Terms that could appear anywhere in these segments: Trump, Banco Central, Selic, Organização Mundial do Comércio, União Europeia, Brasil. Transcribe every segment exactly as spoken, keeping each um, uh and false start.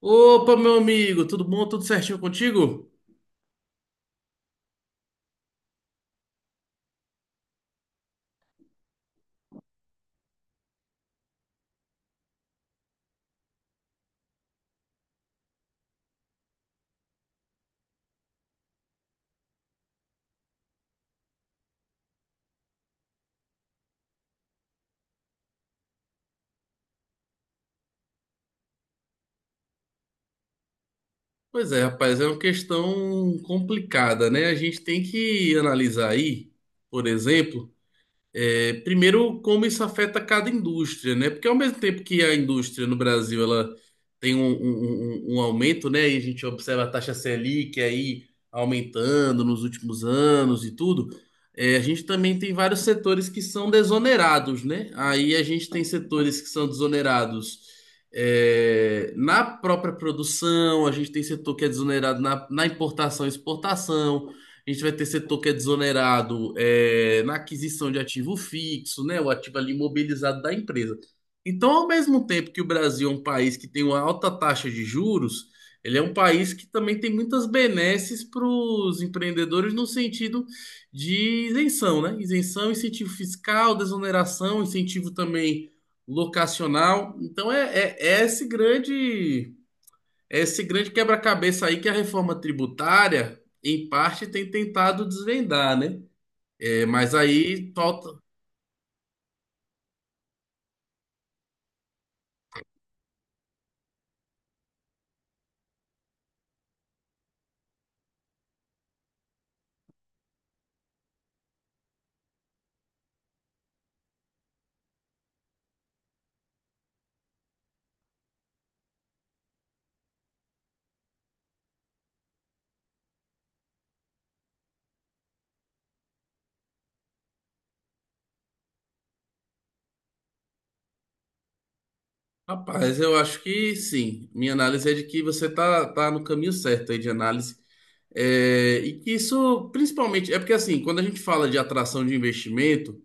Opa, meu amigo, tudo bom? Tudo certinho contigo? Pois é, rapaz, é uma questão complicada, né? A gente tem que analisar aí, por exemplo. É, primeiro, como isso afeta cada indústria, né? Porque ao mesmo tempo que a indústria no Brasil ela tem um, um- um- um um aumento, né? E a gente observa a taxa Selic aí aumentando nos últimos anos e tudo, é, a gente também tem vários setores que são desonerados, né? Aí a gente tem setores que são desonerados é, na própria produção, a gente tem setor que é desonerado na, na importação e exportação, a gente vai ter setor que é desonerado é, na aquisição de ativo fixo, né? O ativo ali imobilizado da empresa. Então, ao mesmo tempo que o Brasil é um país que tem uma alta taxa de juros, ele é um país que também tem muitas benesses para os empreendedores no sentido de isenção, né? Isenção, incentivo fiscal, desoneração, incentivo também locacional. Então, é, é é esse grande é Esse grande quebra-cabeça aí que a reforma tributária, em parte, tem tentado desvendar, né? É, mas aí falta. Rapaz, eu acho que sim. Minha análise é de que você tá, tá no caminho certo aí de análise. É, e que isso, principalmente, é porque assim, quando a gente fala de atração de investimento,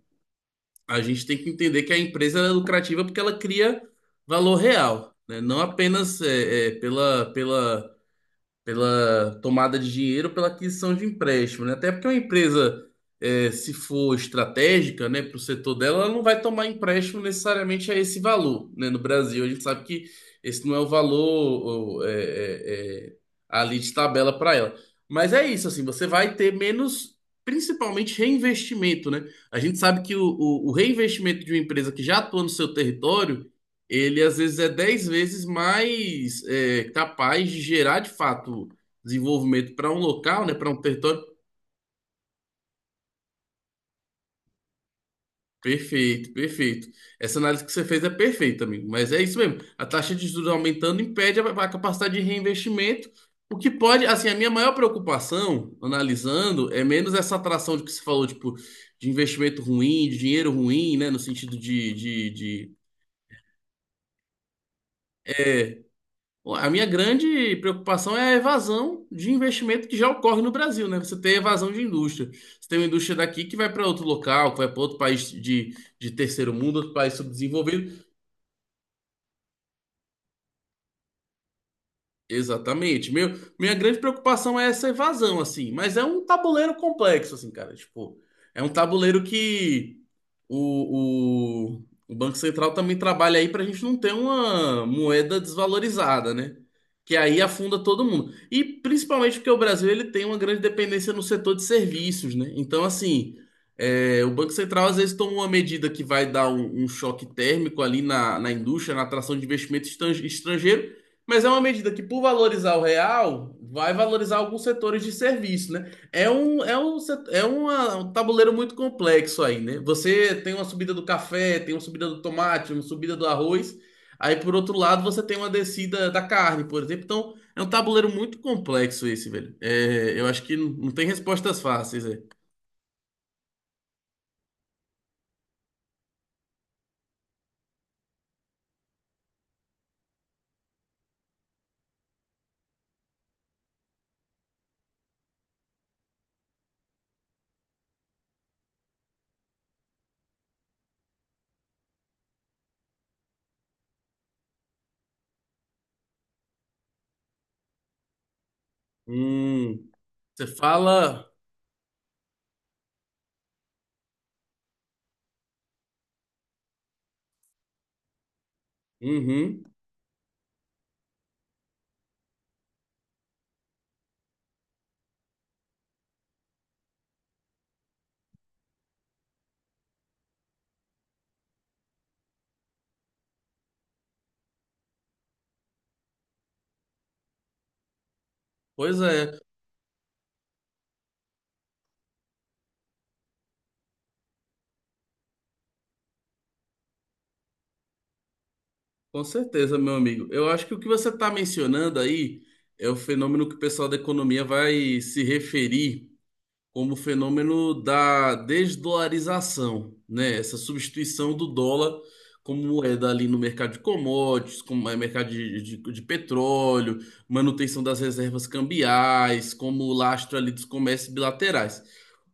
a gente tem que entender que a empresa ela é lucrativa porque ela cria valor real, né? Não apenas é, é, pela, pela pela tomada de dinheiro, pela aquisição de empréstimo, né? Até porque uma empresa, eh, se for estratégica, né, para o setor dela, ela não vai tomar empréstimo necessariamente a esse valor, né? No Brasil, a gente sabe que esse não é o valor, o- é, é, é, ali de tabela para ela. Mas é isso, assim, você vai ter menos. Principalmente reinvestimento, né? A gente sabe que o, o o reinvestimento de uma empresa que já atua no seu território ele às vezes é dez vezes mais é, capaz de gerar de fato desenvolvimento para um local, né, para um território. Perfeito, perfeito. Essa análise que você fez é perfeita, amigo. Mas é isso mesmo. A taxa de juros aumentando impede a, a capacidade de reinvestimento. O que pode, assim, a minha maior preocupação, analisando, é menos essa atração de que você falou, tipo, de investimento ruim, de dinheiro ruim, né, no sentido de, de de- é, a minha grande preocupação é a evasão de investimento que já ocorre no Brasil, né? Você tem evasão de indústria. Você tem uma indústria daqui que vai para outro local, que vai para outro país de, de terceiro mundo, outro país subdesenvolvido. Exatamente. Meu, minha grande preocupação é essa evasão, assim, mas é um tabuleiro complexo, assim, cara. Tipo, é um tabuleiro que o, o, o Banco Central também trabalha aí pra gente não ter uma moeda desvalorizada, né? Que aí afunda todo mundo. E principalmente porque o Brasil ele tem uma grande dependência no setor de serviços, né? Então, assim, é, o Banco Central às vezes toma uma medida que vai dar um, um choque térmico ali na, na indústria, na atração de investimento estan- estrangeiro. Mas é uma medida que, por valorizar o real, vai valorizar alguns setores de serviço, né? É um, é um, set- é uma- um tabuleiro muito complexo aí, né? Você tem uma subida do café, tem uma subida do tomate, uma subida do arroz. Aí, por outro lado, você tem uma descida da carne, por exemplo. Então, é um tabuleiro muito complexo esse, velho. É, eu acho que não, não tem respostas fáceis, é. Hum, você fala. Uhum, pois é. Com certeza, meu amigo. Eu acho que o que você está mencionando aí é o fenômeno que o pessoal da economia vai se referir como o fenômeno da desdolarização, né? Essa substituição do dólar como moeda ali no mercado de commodities, como é mercado de, de, de petróleo, manutenção das reservas cambiais, como lastro ali dos comércios bilaterais.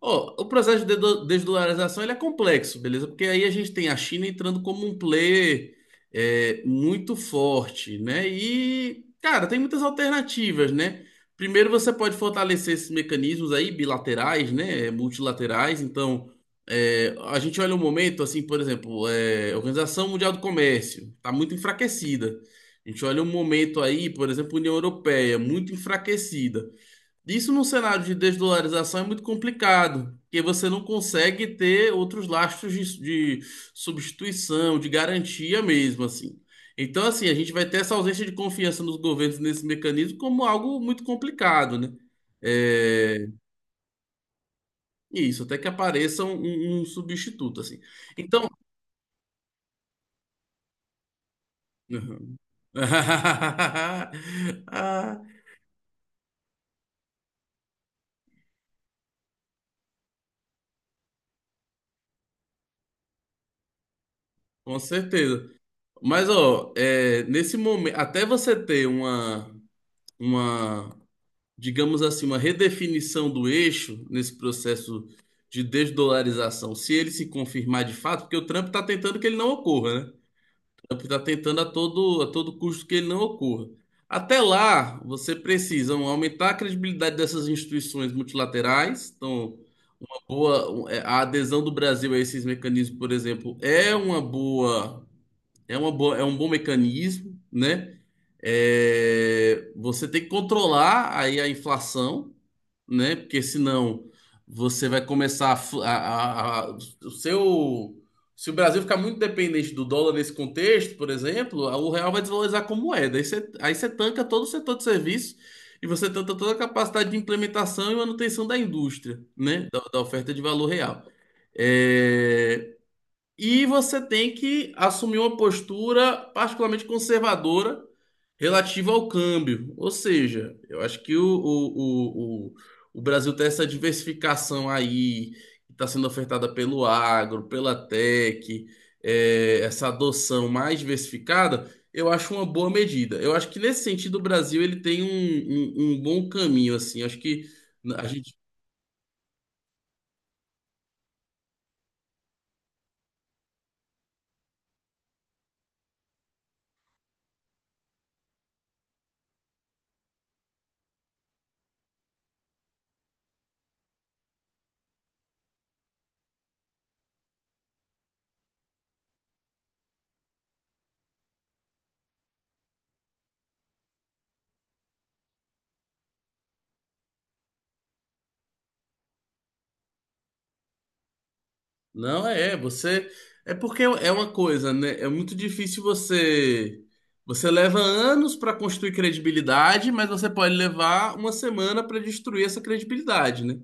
Ó, o processo de do- desdolarização ele é complexo, beleza? Porque aí a gente tem a China entrando como um player é, muito forte, né? E, cara, tem muitas alternativas, né? Primeiro, você pode fortalecer esses mecanismos aí bilaterais, né? É, multilaterais. Então, é, a gente olha um momento, assim, por exemplo, é, a Organização Mundial do Comércio está muito enfraquecida. A gente olha um momento aí, por exemplo, União Europeia, muito enfraquecida. Isso num cenário de desdolarização é muito complicado, porque você não consegue ter outros lastros de, de substituição, de garantia mesmo, assim. Então, assim, a gente vai ter essa ausência de confiança nos governos nesse mecanismo como algo muito complicado, né? É, isso, até que apareça um, um um substituto, assim. Então. Uhum. Ah, com certeza. Mas, ó, é, nesse momento, até você ter uma, uma digamos assim, uma redefinição do eixo nesse processo de desdolarização, se ele se confirmar de fato, porque o Trump está tentando que ele não ocorra, né? O Trump está tentando a todo, a todo custo que ele não ocorra. Até lá, você precisa um, aumentar a credibilidade dessas instituições multilaterais. Então, uma boa, um, é, a adesão do Brasil a esses mecanismos, por exemplo, é uma boa, é uma boa, é um bom mecanismo, né? É, você tem que controlar aí a inflação, né? Porque senão você vai começar a, fu- a- a- a- o seu se o Brasil ficar muito dependente do dólar nesse contexto, por exemplo, o real vai desvalorizar como moeda. Aí você, aí você tanca todo o setor de serviço e você tanca toda a capacidade de implementação e manutenção da indústria, né? Da, da oferta de valor real. É, e você tem que assumir uma postura particularmente conservadora relativa ao câmbio. Ou seja, eu acho que o, o, o, o, o Brasil tem essa diversificação aí, que está sendo ofertada pelo agro, pela tech, eh, essa adoção mais diversificada, eu acho uma boa medida. Eu acho que nesse sentido o Brasil ele tem um, um, um bom caminho, assim. Eu acho que a gente Não, é, você. É porque é uma coisa, né? É muito difícil você. Você leva anos para construir credibilidade, mas você pode levar uma semana para destruir essa credibilidade, né?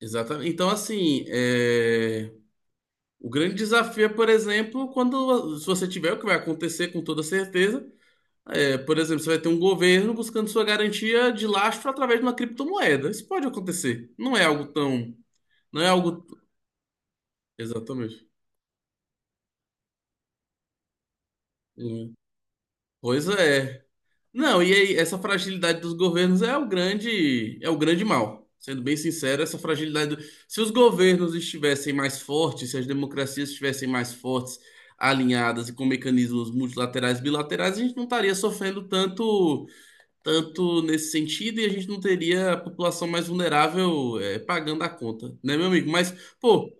Exatamente. Então, assim, é, o grande desafio é, por exemplo, quando se você tiver o que vai acontecer com toda certeza, é, por exemplo, você vai ter um governo buscando sua garantia de lastro através de uma criptomoeda. Isso pode acontecer. Não é algo tão, não é algo exatamente. Hum. Pois é. Não, e aí, essa fragilidade dos governos é o grande, é o grande mal. Sendo bem sincero, essa fragilidade. do- Se os governos estivessem mais fortes, se as democracias estivessem mais fortes, alinhadas e com mecanismos multilaterais e bilaterais, a gente não estaria sofrendo tanto, tanto nesse sentido e a gente não teria a população mais vulnerável, eh, pagando a conta, né, meu amigo? Mas, pô.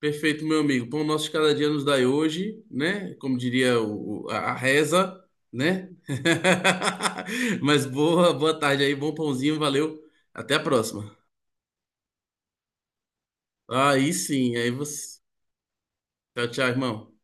Perfeito, meu amigo. Pão nosso de cada dia nos dai hoje, né? Como diria o, o- a a reza, né? Mas boa, boa tarde aí, bom pãozinho, valeu. Até a próxima. Aí sim, aí você. Tchau, tchau, irmão.